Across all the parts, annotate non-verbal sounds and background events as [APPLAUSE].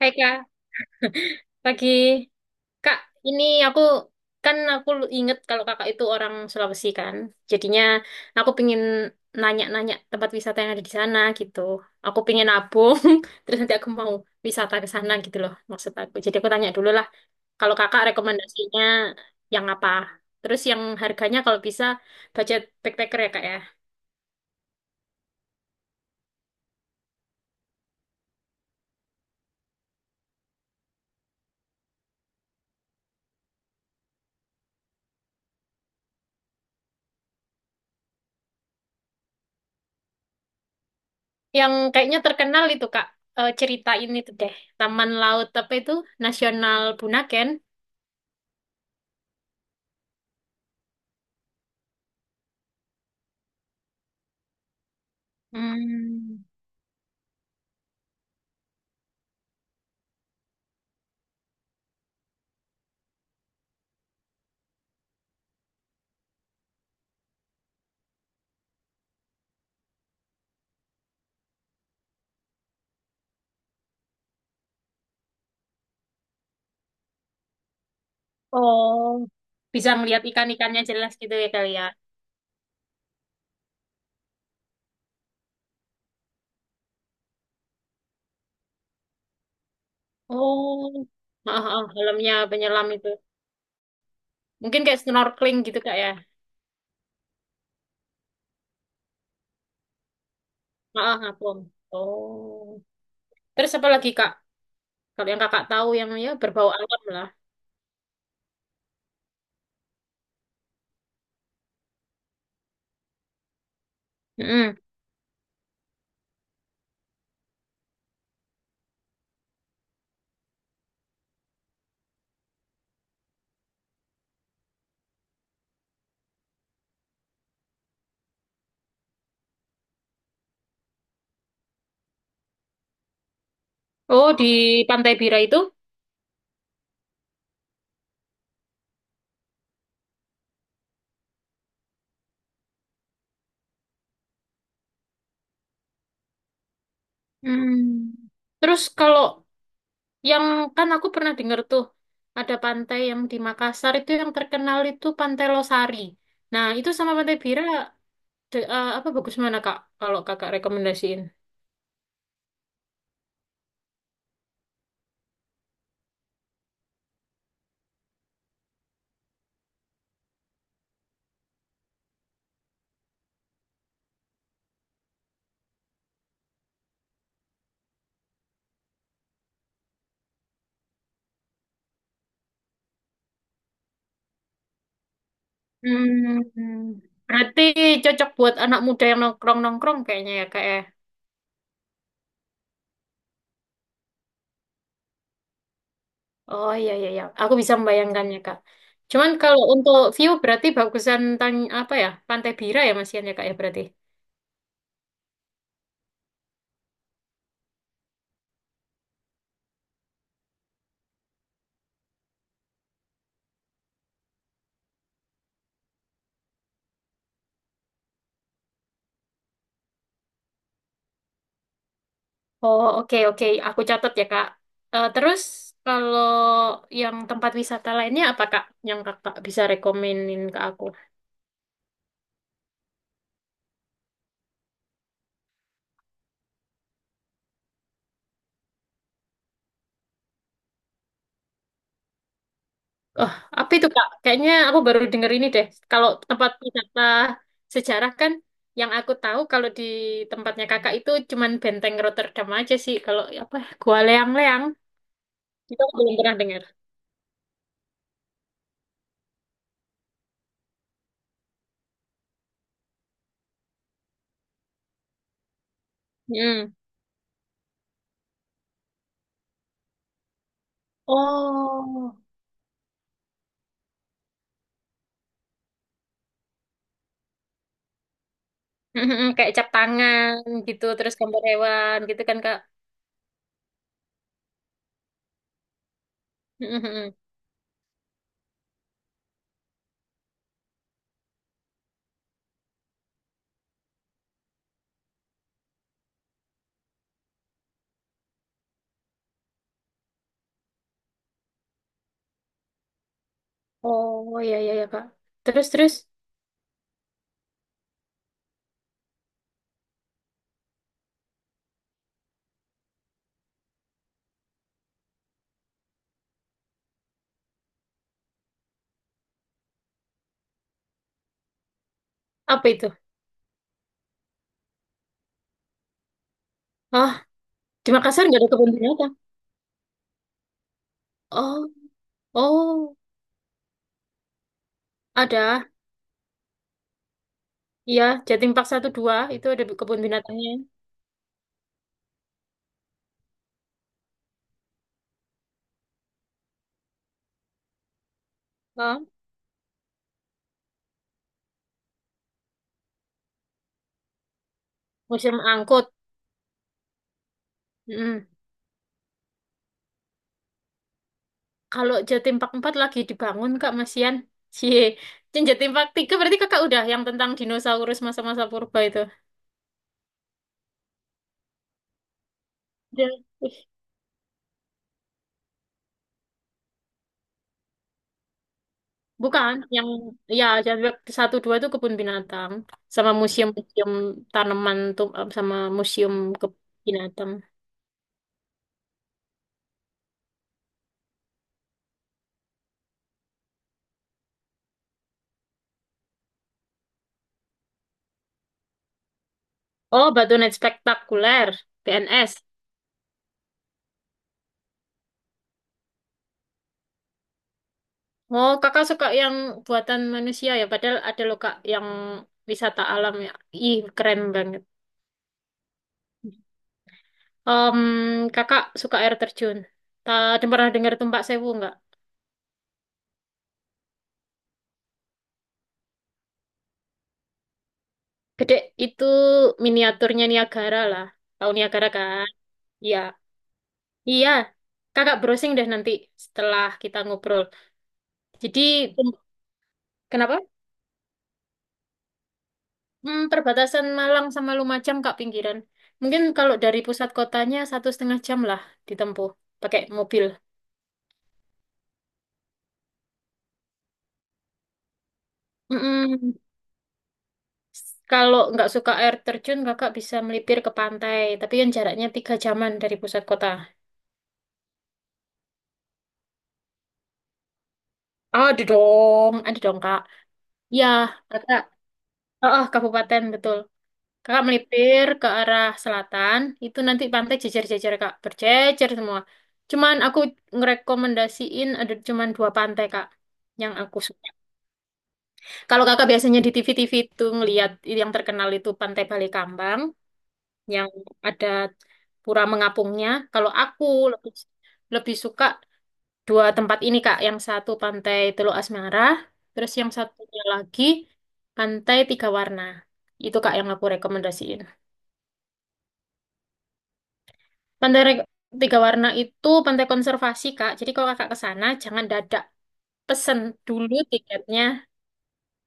Hai Kak, pagi. Kak, ini aku kan aku inget kalau kakak itu orang Sulawesi kan. Jadinya aku pingin nanya-nanya tempat wisata yang ada di sana gitu. Aku pingin nabung, [LAUGHS] terus nanti aku mau wisata ke sana gitu loh maksud aku. Jadi aku tanya dulu lah, kalau kakak rekomendasinya yang apa? Terus yang harganya kalau bisa budget backpacker ya kak ya. Yang kayaknya terkenal itu kak, cerita ini tuh deh. Taman Laut apa itu? Nasional Bunaken. Hmm. Oh. Bisa ngelihat ikan-ikannya jelas gitu ya kali ya. Oh. Heeh, heeh, dalamnya penyelam itu. Mungkin kayak snorkeling gitu kak ya. Heeh, ngapung. Oh. Terus apa lagi kak? Kalau yang kakak tahu yang ya berbau alam lah. Mm-mm. Oh, di Pantai Bira itu. Hmm. Terus kalau yang, kan aku pernah dengar tuh ada pantai yang di Makassar itu yang terkenal itu Pantai Losari. Nah itu sama Pantai Bira apa bagus mana kak? Kalau kakak rekomendasiin? Hmm, berarti cocok buat anak muda yang nongkrong-nongkrong kayaknya ya kak ya. Oh iya iya iya, aku bisa membayangkannya kak. Cuman kalau untuk view berarti bagusan apa ya Pantai Bira ya Mas Ian ya kak ya berarti. Oh oke oke, aku catat ya kak. Eh, terus kalau yang tempat wisata lainnya apa kak yang kakak bisa rekomenin ke aku? Oh, apa itu Kak? Kayaknya aku baru dengar ini deh. Kalau tempat wisata sejarah kan yang aku tahu kalau di tempatnya Kakak itu cuman Benteng Rotterdam aja sih. Kalau apa Gua Leang-Leang itu aku belum pernah dengar. Hmm. Oh. Mm-mm. Kayak cap tangan gitu, terus gambar hewan gitu kan Kak. Mm-mm. Oh iya iya ya Kak. Terus terus apa itu? Oh, di Makassar nggak ada kebun binatang. Oh, oh ada. Iya Jatim Park satu dua itu ada kebun binatangnya. Oh, musim angkut. Mm. Kalau Jatim Park 4 lagi dibangun, Kak, Masian. Cie. Yang Jatim Park 3 berarti Kakak udah yang tentang dinosaurus masa-masa purba itu. Udah. Ih, bukan, yang ya Jatim Park 1 2 itu kebun binatang sama museum-museum tanaman tuh sama museum kebun binatang. Oh, Batu Night Spektakuler, BNS. Oh, Kakak suka yang buatan manusia ya, padahal ada loh Kak yang wisata alam ya. Ih, keren banget. Em, Kakak suka air terjun. Tadi pernah dengar Tumpak Sewu nggak? Gede itu miniaturnya Niagara lah. Tahu Niagara kan? Iya. Iya. Kakak browsing deh nanti setelah kita ngobrol. Jadi, Tum- kenapa? Hmm, perbatasan Malang sama Lumajang, Kak, pinggiran. Mungkin kalau dari pusat kotanya satu setengah jam lah ditempuh pakai mobil. Mm-mm. Kalau nggak suka air terjun, kakak bisa melipir ke pantai. Tapi yang jaraknya tiga jaman dari pusat kota. Oh, ada dong, ada dong kak. Ya, kakak. Oh, oh, kabupaten betul. Kakak melipir ke arah selatan, itu nanti pantai jejer-jejer kak, berjejer semua. Cuman aku ngerekomendasiin ada cuman dua pantai kak yang aku suka. Kalau kakak biasanya di TV-TV itu ngelihat yang terkenal itu Pantai Balekambang yang ada pura mengapungnya. Kalau aku lebih lebih suka dua tempat ini Kak, yang satu Pantai Teluk Asmara, terus yang satunya lagi Pantai Tiga Warna. Itu Kak yang aku rekomendasiin. Pantai Tiga Warna itu pantai konservasi Kak. Jadi kalau Kakak ke sana jangan dadak pesen dulu tiketnya.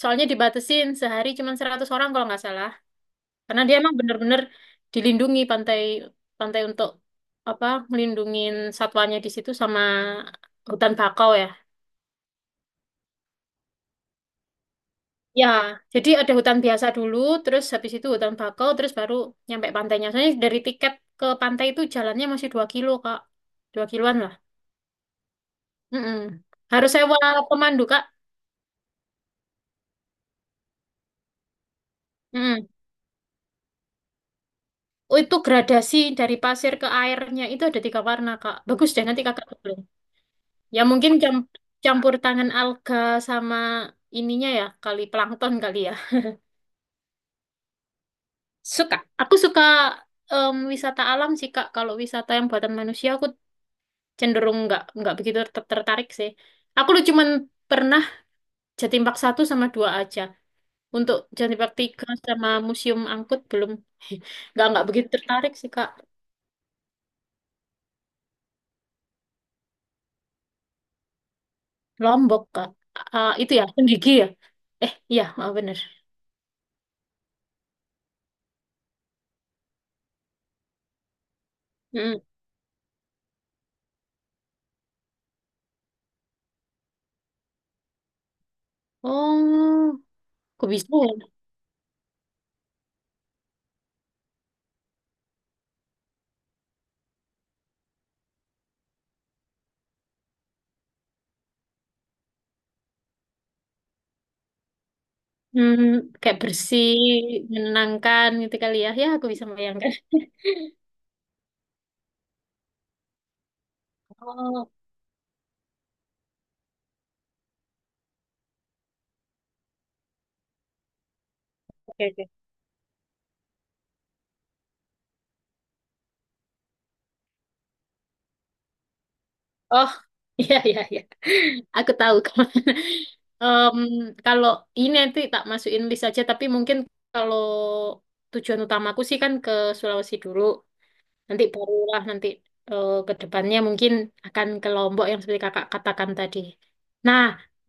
Soalnya dibatasin sehari cuma 100 orang kalau nggak salah. Karena dia emang bener-bener dilindungi pantai pantai untuk apa ngelindungin satwanya di situ sama hutan bakau ya. Ya, jadi ada hutan biasa dulu, terus habis itu hutan bakau, terus baru nyampe pantainya. Soalnya dari tiket ke pantai itu jalannya masih 2 kilo, Kak. 2 kiloan lah. Mm-mm. Harus sewa pemandu, Kak. Mm-mm. Oh, itu gradasi dari pasir ke airnya itu ada tiga warna, Kak. Bagus deh, nanti kakak googling. Ya mungkin campur tangan alga sama ininya ya, kali plankton kali ya. Suka. Aku suka wisata alam sih, Kak. Kalau wisata yang buatan manusia, aku cenderung nggak begitu tertarik sih. Aku cuman pernah jatim park satu sama dua aja. Untuk jatim park tiga sama Museum Angkut belum [LAUGHS] nggak begitu tertarik sih Kak. Lombok Kak. Ah, itu ya Senggigi ya. Eh iya oh, bener. Mm. Oh, aku bisa ya. Hmm, kayak bersih, menenangkan gitu kali ya. Ya aku bisa membayangkan. Oh, oke oke. Oh, [LAUGHS] iya, iya, iya. Aku tahu. [LAUGHS] kemana. Em, Kalau ini nanti tak masukin list aja, tapi mungkin kalau tujuan utamaku sih kan ke Sulawesi dulu. Nanti barulah nanti ke depannya mungkin akan ke Lombok yang seperti kakak katakan tadi. Nah,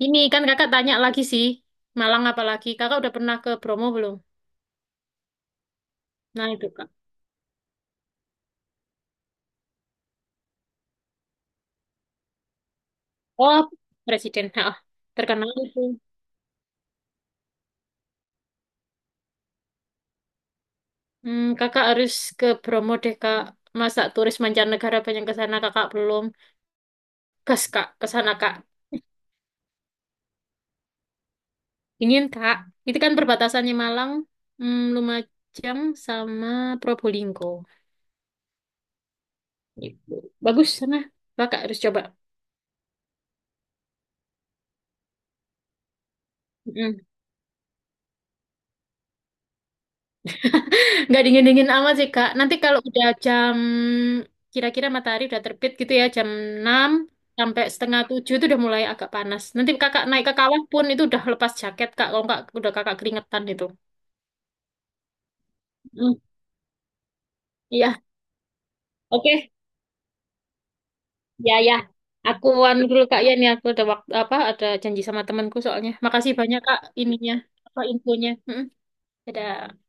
ini kan kakak tanya lagi sih, Malang apalagi. Kakak udah pernah ke Bromo belum? Nah, itu kak. Oh, Presiden. Nah, terkenal itu. Hmm, kakak harus ke Bromo deh, Kak. Masa turis mancanegara banyak ke sana, kakak belum. Gas, Kak, ke sana, Kak. Ingin, Kak. Itu kan perbatasannya Malang, Lumajang, sama Probolinggo. Gitu. Bagus sana. Kakak harus coba. Mm. Nggak dingin-dingin amat sih, Kak. Nanti kalau udah jam, kira-kira matahari udah terbit gitu ya, jam 6 sampai setengah 7 itu udah mulai agak panas. Nanti kakak naik ke kawah pun itu udah lepas jaket, Kak. Kalau nggak, udah kakak keringetan itu. Mm. Iya, oke. Ya, ya. Aku anu dulu Kak ya nih aku ada waktu apa ada janji sama temanku soalnya. Makasih banyak Kak ininya apa infonya. Mm-mm. Dadah.